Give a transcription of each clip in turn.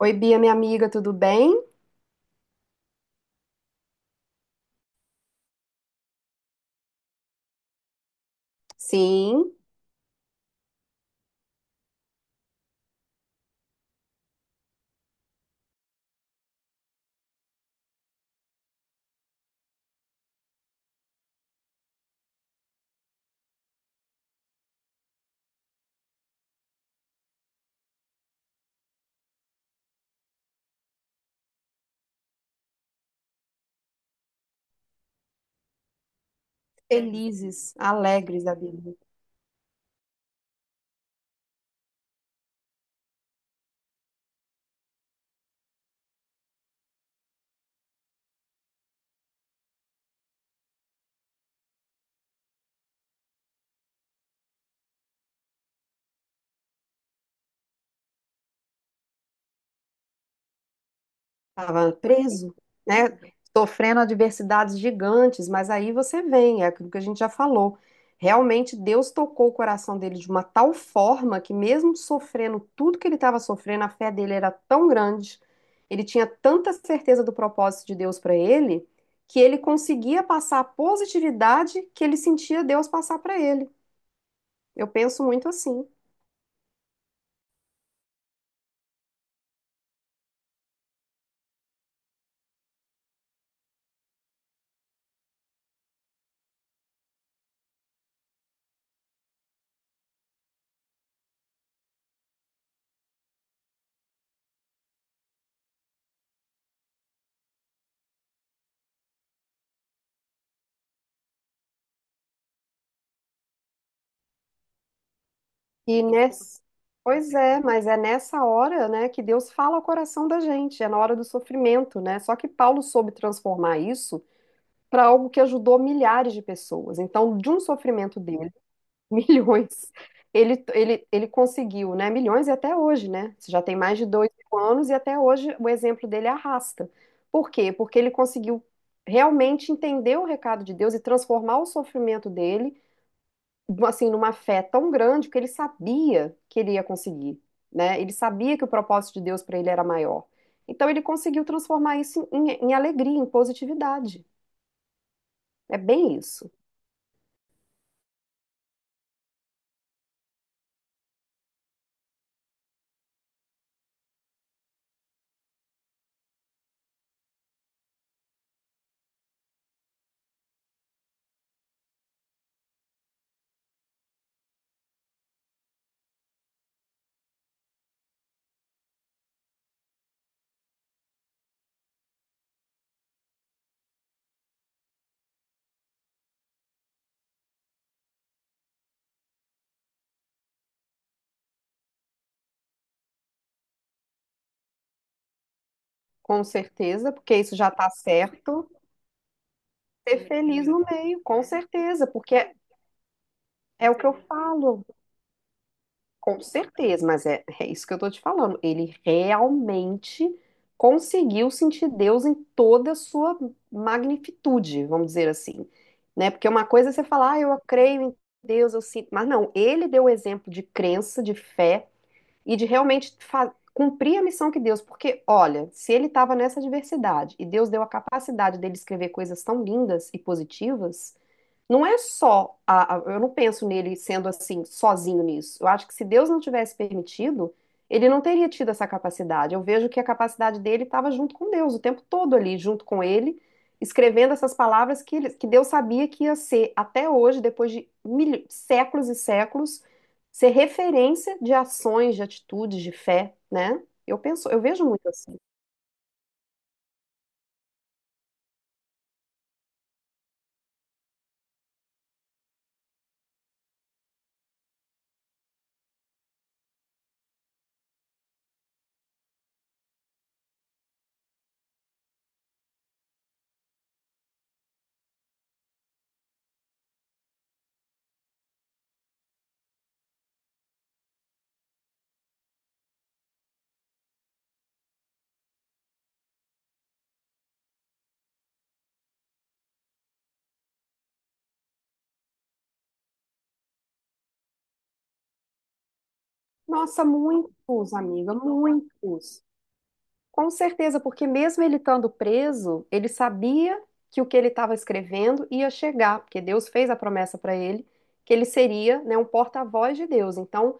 Oi, Bia, minha amiga, tudo bem? Sim, felizes, alegres da vida. Estava preso, né? Sofrendo adversidades gigantes, mas aí você vem, é aquilo que a gente já falou. Realmente Deus tocou o coração dele de uma tal forma que, mesmo sofrendo tudo que ele estava sofrendo, a fé dele era tão grande, ele tinha tanta certeza do propósito de Deus para ele, que ele conseguia passar a positividade que ele sentia Deus passar para ele. Eu penso muito assim. E nesse... Pois é, mas é nessa hora, né, que Deus fala ao coração da gente, é na hora do sofrimento, né? Só que Paulo soube transformar isso para algo que ajudou milhares de pessoas. Então, de um sofrimento dele, milhões, ele conseguiu, né? Milhões e até hoje, né? Isso já tem mais de 2000 anos e até hoje o exemplo dele arrasta. Por quê? Porque ele conseguiu realmente entender o recado de Deus e transformar o sofrimento dele assim, numa fé tão grande que ele sabia que ele ia conseguir, né? Ele sabia que o propósito de Deus para ele era maior. Então ele conseguiu transformar isso em alegria, em positividade. É bem isso, com certeza, porque isso já está certo. Ser feliz no meio, com certeza, porque é, é o que eu falo. Com certeza, mas é, é isso que eu tô te falando. Ele realmente conseguiu sentir Deus em toda a sua magnitude, vamos dizer assim, né? Porque uma coisa é você falar, ah, eu creio em Deus, eu sinto, mas não, ele deu o exemplo de crença, de fé e de realmente cumprir a missão que Deus, porque olha, se ele estava nessa adversidade e Deus deu a capacidade dele escrever coisas tão lindas e positivas, não é só eu não penso nele sendo assim, sozinho nisso. Eu acho que se Deus não tivesse permitido, ele não teria tido essa capacidade. Eu vejo que a capacidade dele estava junto com Deus, o tempo todo ali, junto com ele, escrevendo essas palavras que, que Deus sabia que ia ser, até hoje, depois de séculos e séculos, ser referência de ações, de atitudes, de fé, né? Eu penso, eu vejo muito assim. Nossa, muitos, amiga, muitos. Com certeza, porque mesmo ele estando preso, ele sabia que o que ele estava escrevendo ia chegar, porque Deus fez a promessa para ele que ele seria, né, um porta-voz de Deus. Então,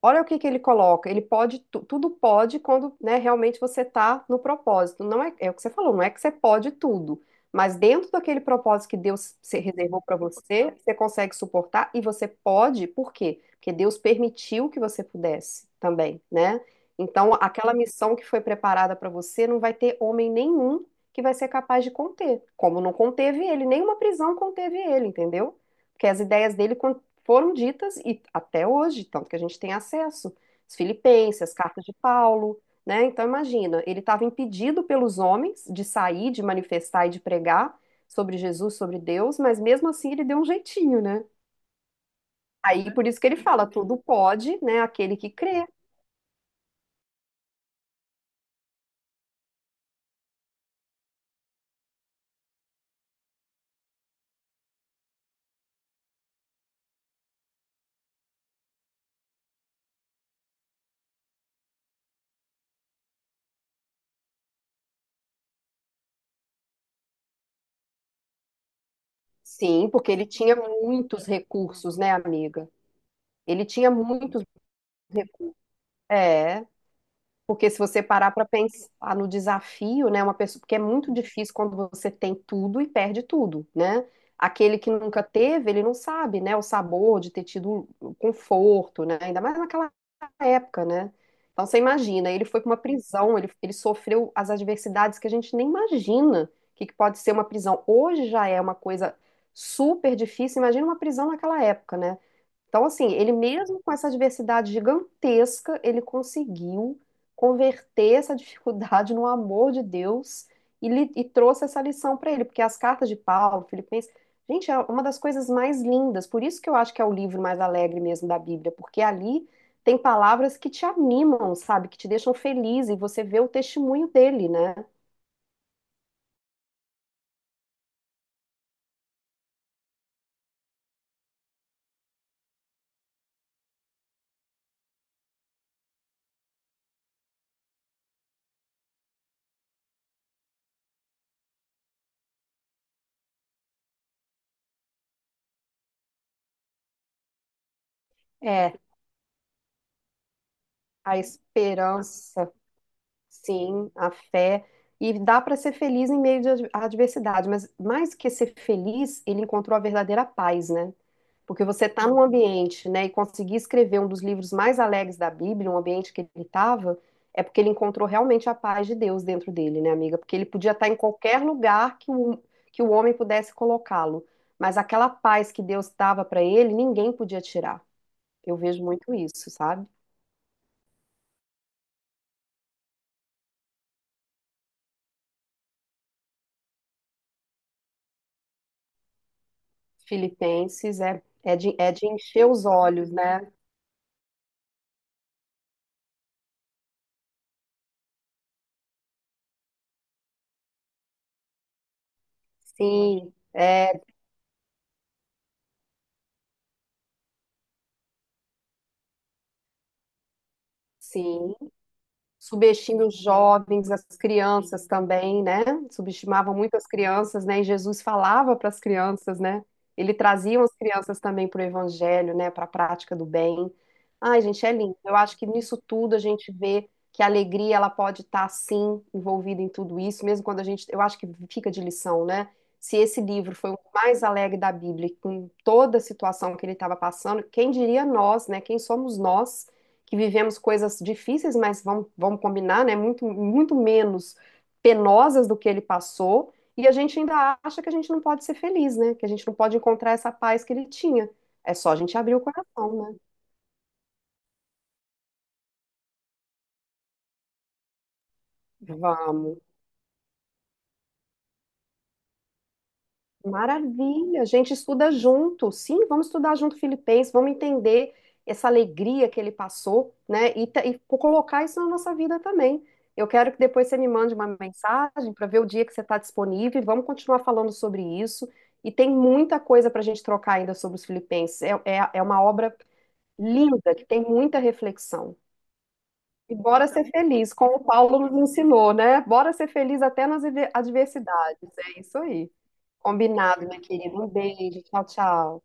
olha o que que ele coloca. Ele pode, tudo pode quando, né, realmente você está no propósito. Não é, é o que você falou, não é que você pode tudo, mas dentro daquele propósito que Deus se reservou para você, você consegue suportar e você pode, por quê? Porque Deus permitiu que você pudesse também, né? Então, aquela missão que foi preparada para você não vai ter homem nenhum que vai ser capaz de conter, como não conteve ele, nenhuma prisão conteve ele, entendeu? Porque as ideias dele foram ditas e até hoje, tanto que a gente tem acesso, os Filipenses, as cartas de Paulo, né? Então imagina, ele estava impedido pelos homens de sair, de manifestar e de pregar sobre Jesus, sobre Deus, mas mesmo assim ele deu um jeitinho, né? Aí por isso que ele fala, tudo pode, né, aquele que crê. Sim, porque ele tinha muitos recursos, né, amiga? Ele tinha muitos, é, porque se você parar para pensar no desafio, né, uma pessoa, porque é muito difícil quando você tem tudo e perde tudo, né? Aquele que nunca teve, ele não sabe, né, o sabor de ter tido o conforto, né? Ainda mais naquela época, né? Então você imagina, ele foi para uma prisão, ele sofreu as adversidades que a gente nem imagina o que, que pode ser uma prisão. Hoje já é uma coisa super difícil, imagina uma prisão naquela época, né? Então, assim, ele mesmo com essa adversidade gigantesca, ele conseguiu converter essa dificuldade no amor de Deus e trouxe essa lição para ele, porque as cartas de Paulo, Filipenses, gente, é uma das coisas mais lindas. Por isso que eu acho que é o livro mais alegre mesmo da Bíblia, porque ali tem palavras que te animam, sabe, que te deixam feliz e você vê o testemunho dele, né? É, a esperança. Sim, a fé. E dá para ser feliz em meio de à adversidade, mas mais que ser feliz, ele encontrou a verdadeira paz, né? Porque você está num ambiente, né, e conseguir escrever um dos livros mais alegres da Bíblia, um ambiente que ele estava, é porque ele encontrou realmente a paz de Deus dentro dele, né, amiga? Porque ele podia estar em qualquer lugar que o homem pudesse colocá-lo, mas aquela paz que Deus dava para ele, ninguém podia tirar. Eu vejo muito isso, sabe? Filipenses é, é de encher os olhos, né? Sim, é, sim. Subestima os jovens, as crianças também, né? Subestimavam muito as crianças, né? E Jesus falava para as crianças, né? Ele trazia as crianças também para o evangelho, né? Para a prática do bem. Ai, gente, é lindo. Eu acho que nisso tudo a gente vê que a alegria ela pode estar sim envolvida em tudo isso, mesmo quando a gente, eu acho que fica de lição, né? Se esse livro foi o mais alegre da Bíblia, com toda a situação que ele estava passando, quem diria nós, né? Quem somos nós? Que vivemos coisas difíceis, mas vamos, vamos combinar, né? Muito, muito menos penosas do que ele passou. E a gente ainda acha que a gente não pode ser feliz, né? Que a gente não pode encontrar essa paz que ele tinha. É só a gente abrir o coração, né? Vamos. Maravilha, a gente estuda junto. Sim, vamos estudar junto Filipenses, vamos entender essa alegria que ele passou, né? E colocar isso na nossa vida também. Eu quero que depois você me mande uma mensagem para ver o dia que você está disponível. E vamos continuar falando sobre isso. E tem muita coisa para a gente trocar ainda sobre os Filipenses. É, é, é uma obra linda, que tem muita reflexão. E bora ser feliz, como o Paulo nos ensinou, né? Bora ser feliz até nas adversidades. É isso aí. Combinado, minha querida. Um beijo. Tchau, tchau.